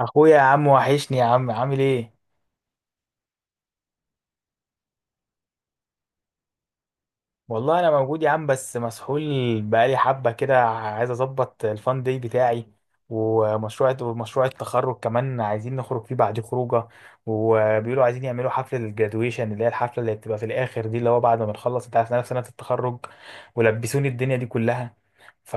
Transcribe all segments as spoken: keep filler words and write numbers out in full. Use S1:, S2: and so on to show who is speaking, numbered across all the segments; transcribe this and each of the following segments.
S1: اخويا يا عم وحشني يا عم، عامل ايه؟ والله انا موجود يا عم، بس مسحول. بقالي حبه كده عايز اظبط الفان داي بتاعي، ومشروع ومشروع التخرج كمان عايزين نخرج فيه بعد خروجه. وبيقولوا عايزين يعملوا حفله الجرادويشن اللي هي الحفله اللي بتبقى في الاخر دي، اللي هو بعد ما بنخلص، انت عارف إن أنا في سنه التخرج، ولبسوني الدنيا دي كلها. ف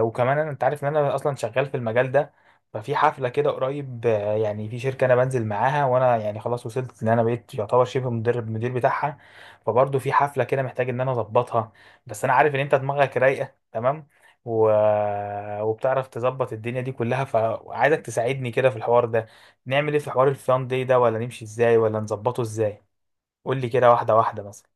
S1: وكمان انا، انت عارف ان انا اصلا شغال في المجال ده. ففي حفله كده قريب، آه، يعني في شركه انا بنزل معاها، وانا يعني خلاص وصلت ان انا بقيت يعتبر شبه مدرب مدير بتاعها. فبرضه في حفله كده محتاج ان انا اظبطها. بس انا عارف ان انت دماغك رايقه تمام، و... وبتعرف تظبط الدنيا دي كلها، فعايزك تساعدني كده في الحوار ده. نعمل ايه في حوار الفان دي ده؟ ولا نمشي ازاي، ولا نظبطه ازاي؟ قول لي كده واحده واحده مثلا.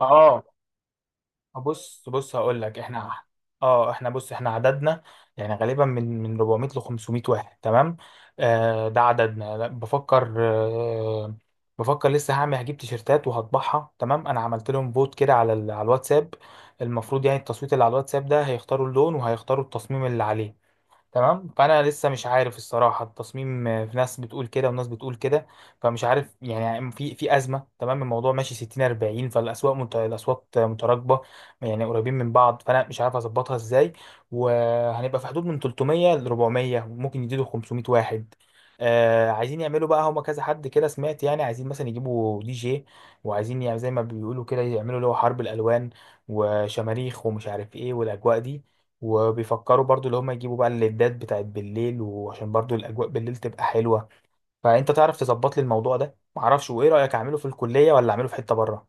S1: اه، بص بص هقول لك احنا، اه احنا، بص احنا عددنا يعني غالبا من من أربعمائة ل خمسمائة واحد، تمام؟ آه ده عددنا، لا، بفكر، آه بفكر لسه، هعمل هجيب تيشرتات وهطبعها، تمام. انا عملت لهم فوت كده على ال- على الواتساب. المفروض يعني التصويت اللي على الواتساب ده هيختاروا اللون وهيختاروا التصميم اللي عليه، تمام. فانا لسه مش عارف الصراحه التصميم، آه، في ناس بتقول كده وناس بتقول كده. فمش عارف يعني، في في ازمه، تمام. الموضوع ماشي ستين أربعين، فالاسواق مت... الاصوات متراكبه، يعني قريبين من بعض، فانا مش عارف اظبطها ازاي. وهنبقى في حدود من تلتمية ل أربعمية، ممكن يزيدوا خمسمية واحد. آه، عايزين يعملوا بقى، هما كذا حد كده سمعت، يعني عايزين مثلا يجيبوا دي جي، وعايزين يعني زي ما بيقولوا كده، يعملوا اللي هو حرب الالوان وشماريخ ومش عارف ايه والاجواء دي. وبيفكروا برضو اللي هم يجيبوا بقى الليدات بتاعت بالليل، وعشان برضو الاجواء بالليل تبقى حلوه. فانت تعرف تظبط لي الموضوع ده معرفش؟ وايه رايك، اعمله في الكليه ولا اعمله في حته بره؟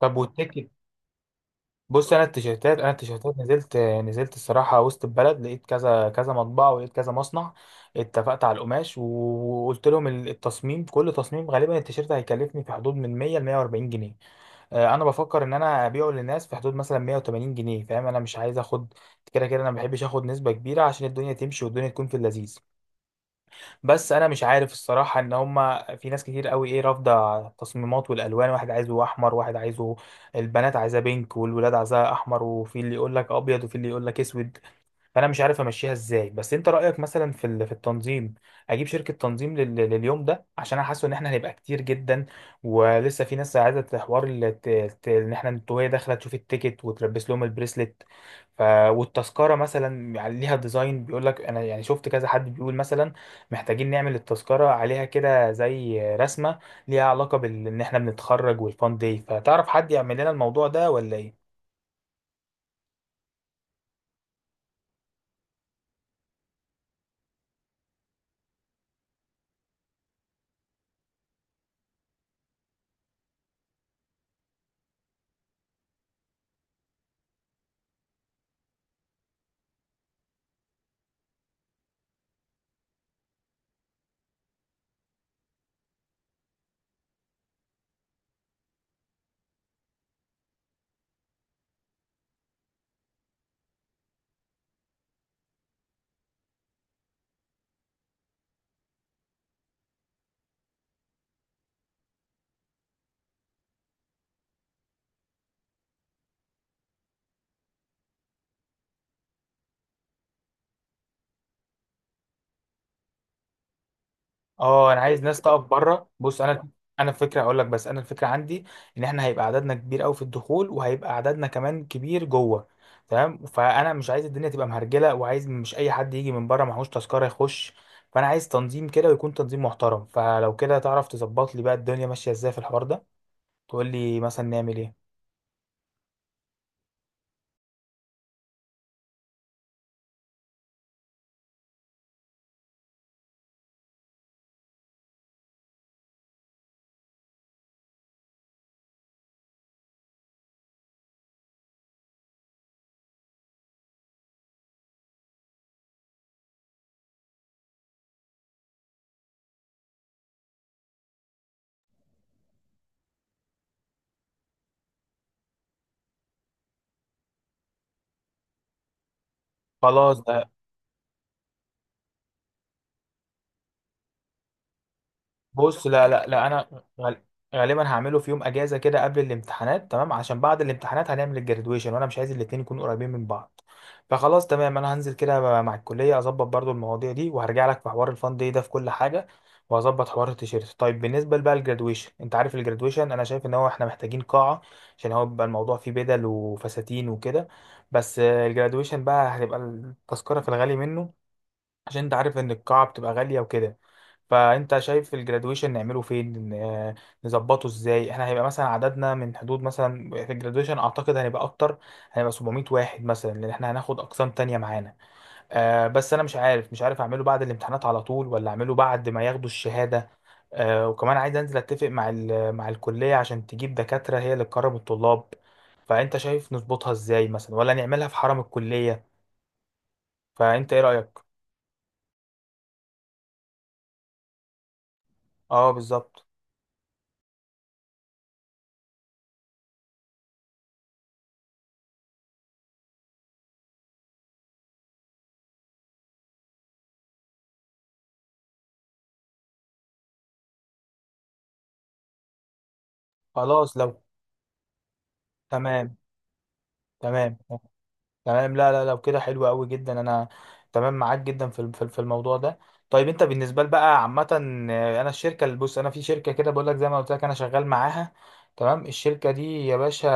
S1: طب والتيكت؟ بص انا التيشيرتات، انا التيشيرتات نزلت نزلت الصراحه وسط البلد، لقيت كذا كذا مطبعه ولقيت كذا مصنع. اتفقت على القماش، وقلت لهم ال- التصميم. كل تصميم غالبا التيشيرت هيكلفني في حدود من ميه ل ميه وأربعين جنيه. آه، انا بفكر ان انا ابيعه للناس في حدود مثلا ميه وتمانين جنيه. فاهم؟ انا مش عايز اخد، كده كده انا ما بحبش اخد نسبه كبيره، عشان الدنيا تمشي والدنيا تكون في اللذيذ. بس انا مش عارف الصراحه ان هما في ناس كتير قوي ايه رافضه التصميمات والالوان، واحد عايزه احمر، واحد عايزه، البنات عايزاه بينك والولاد عايزاه احمر، وفي اللي يقول لك ابيض وفي اللي يقول لك اسود. فانا مش عارف امشيها ازاي. بس انت رايك مثلا في ال- في التنظيم، اجيب شركه تنظيم لل- لليوم ده، عشان انا حاسه ان احنا هنبقى كتير جدا. ولسه في ناس عايزه حوار ال- ت- ت- ان احنا وهي داخله تشوف التيكت وتلبس لهم البريسلت. ف والتذكره مثلا يعني ليها ديزاين، بيقول لك انا يعني شفت كذا حد بيقول مثلا محتاجين نعمل التذكره عليها كده زي رسمه ليها علاقه بان احنا بنتخرج والفان داي. فتعرف حد يعمل لنا الموضوع ده ولا ايه؟ اه، انا عايز ناس تقف بره. بص انا، انا الفكره هقول لك، بس انا الفكره عندي ان احنا هيبقى عددنا كبير قوي في الدخول، وهيبقى عددنا كمان كبير جوه، تمام. فانا مش عايز الدنيا تبقى مهرجله، وعايز مش اي حد يجي من بره معهوش تذكره يخش. فانا عايز تنظيم كده، ويكون تنظيم محترم. فلو كده تعرف تظبط لي بقى الدنيا ماشيه ازاي في الحوار ده؟ تقول لي مثلا نعمل ايه. خلاص ده. بص لا لا لا، انا غال- غالبا هعمله في يوم اجازه كده قبل الامتحانات، تمام، عشان بعد الامتحانات هنعمل الجرادويشن، وانا مش عايز الاتنين يكونوا قريبين من بعض. فخلاص تمام، انا هنزل كده مع الكليه اظبط برضو المواضيع دي، وهرجع لك في حوار الفان دي ده في كل حاجه، وهظبط حوار التيشيرت. طيب بالنسبه بقى للجرادويشن، انت عارف الجرادويشن انا شايف ان هو احنا محتاجين قاعه، عشان هو بيبقى الموضوع فيه بدل وفساتين وكده. بس الجرادويشن بقى هتبقى التذكره في الغالي منه، عشان انت عارف ان القاعه بتبقى غاليه وكده. فانت شايف الجرادويشن نعمله فين، آه، نظبطه ازاي؟ احنا هيبقى مثلا عددنا من حدود مثلا، في الجرادويشن اعتقد هنبقى اكتر، هنبقى سبعمية واحد مثلا، لان احنا هناخد اقسام تانية معانا. آه، بس انا مش عارف مش عارف اعمله بعد الامتحانات على طول ولا اعمله بعد ما ياخدوا الشهادة. آه، وكمان عايز انزل اتفق مع ال- مع الكلية، عشان تجيب دكاترة هي اللي تكرم الطلاب. فانت شايف نظبطها ازاي مثلا، ولا نعملها في حرم الكلية؟ فانت ايه رأيك؟ اه بالظبط. خلاص لو تمام، تمام، تمام. لا لا، لو كده حلو قوي جدا، انا تمام معاك جدا في ال- في ال- في الموضوع ده. طيب انت بالنسبه لي بقى عامه، آه، انا الشركه اللي، بص انا في شركه كده بقول لك، زي ما قلت لك انا شغال معاها، تمام. الشركه دي يا باشا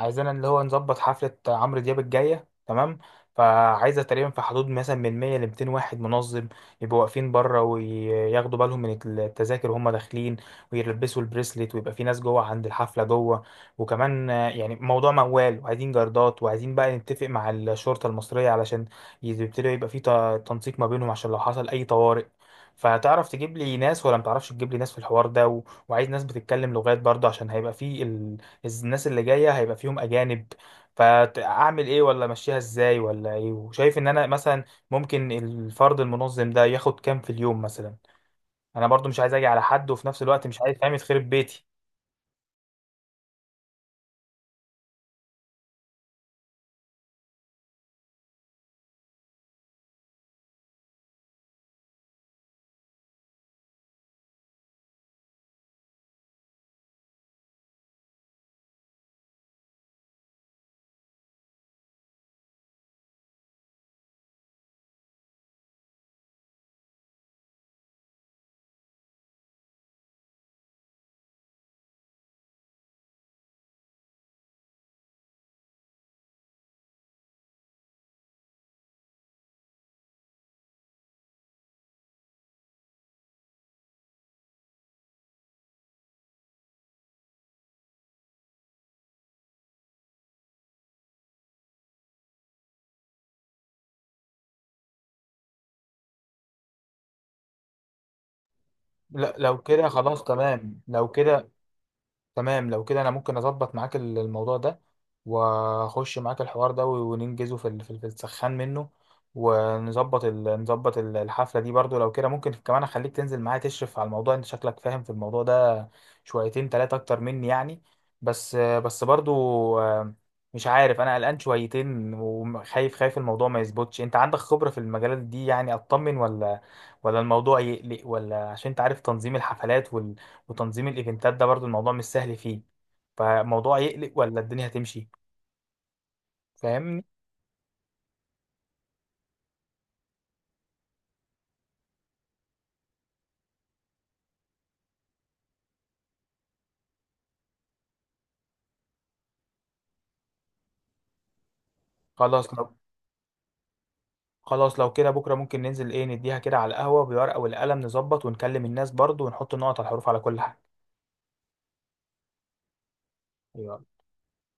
S1: عايزانا اللي هو نظبط حفله عمرو دياب الجايه، تمام. فعايزه تقريبا في حدود مثلا من ميه ل ميتين واحد منظم، يبقوا واقفين بره وياخدوا بالهم من التذاكر وهم داخلين، ويلبسوا البريسلت، ويبقى في ناس جوه عند الحفله جوه. وكمان آه، يعني موضوع موال، وعايزين جردات، وعايزين بقى نتفق مع الشرطة المصرية علشان يبتدي يبقى في ت- تنسيق ما بينهم، عشان لو حصل أي طوارئ. فتعرف تجيب لي ناس ولا متعرفش تجيب لي ناس في الحوار ده و... وعايز ناس بتتكلم لغات برضه، عشان هيبقى في ال... الناس اللي جاية هيبقى فيهم أجانب. فأعمل إيه ولا أمشيها إزاي ولا إيه؟ وشايف إن أنا مثلا ممكن الفرد المنظم ده ياخد كام في اليوم مثلا؟ أنا برضه مش عايز أجي على حد، وفي نفس الوقت مش عايز فاهم يتخرب بيتي. لا لو كده خلاص تمام. لو كده تمام، لو كده انا ممكن اظبط معاك ال- الموضوع ده، واخش معاك الحوار ده و- وننجزه في ال- في ال- في السخان منه، ونظبط ال- نظبط ال- الحفله دي برضو. لو كده ممكن كمان اخليك تنزل معايا تشرف على الموضوع، انت شكلك فاهم في الموضوع ده شويتين تلاتة اكتر مني، يعني. بس بس برضو، آه، مش عارف، انا قلقان شويتين وخايف، خايف الموضوع ما يظبطش. انت عندك خبرة في المجالات دي، يعني اطمن ولا ولا الموضوع يقلق ولا؟ عشان انت عارف تنظيم الحفلات وتنظيم الايفنتات ده برضو الموضوع مش سهل فيه. فالموضوع يقلق ولا الدنيا هتمشي؟ فاهمني. خلاص لو، خلاص لو كده بكره ممكن ننزل، ايه، نديها كده على القهوه بالورقه والقلم، نظبط ونكلم الناس برضو، ونحط النقط على الحروف على كل حاجه. يلا.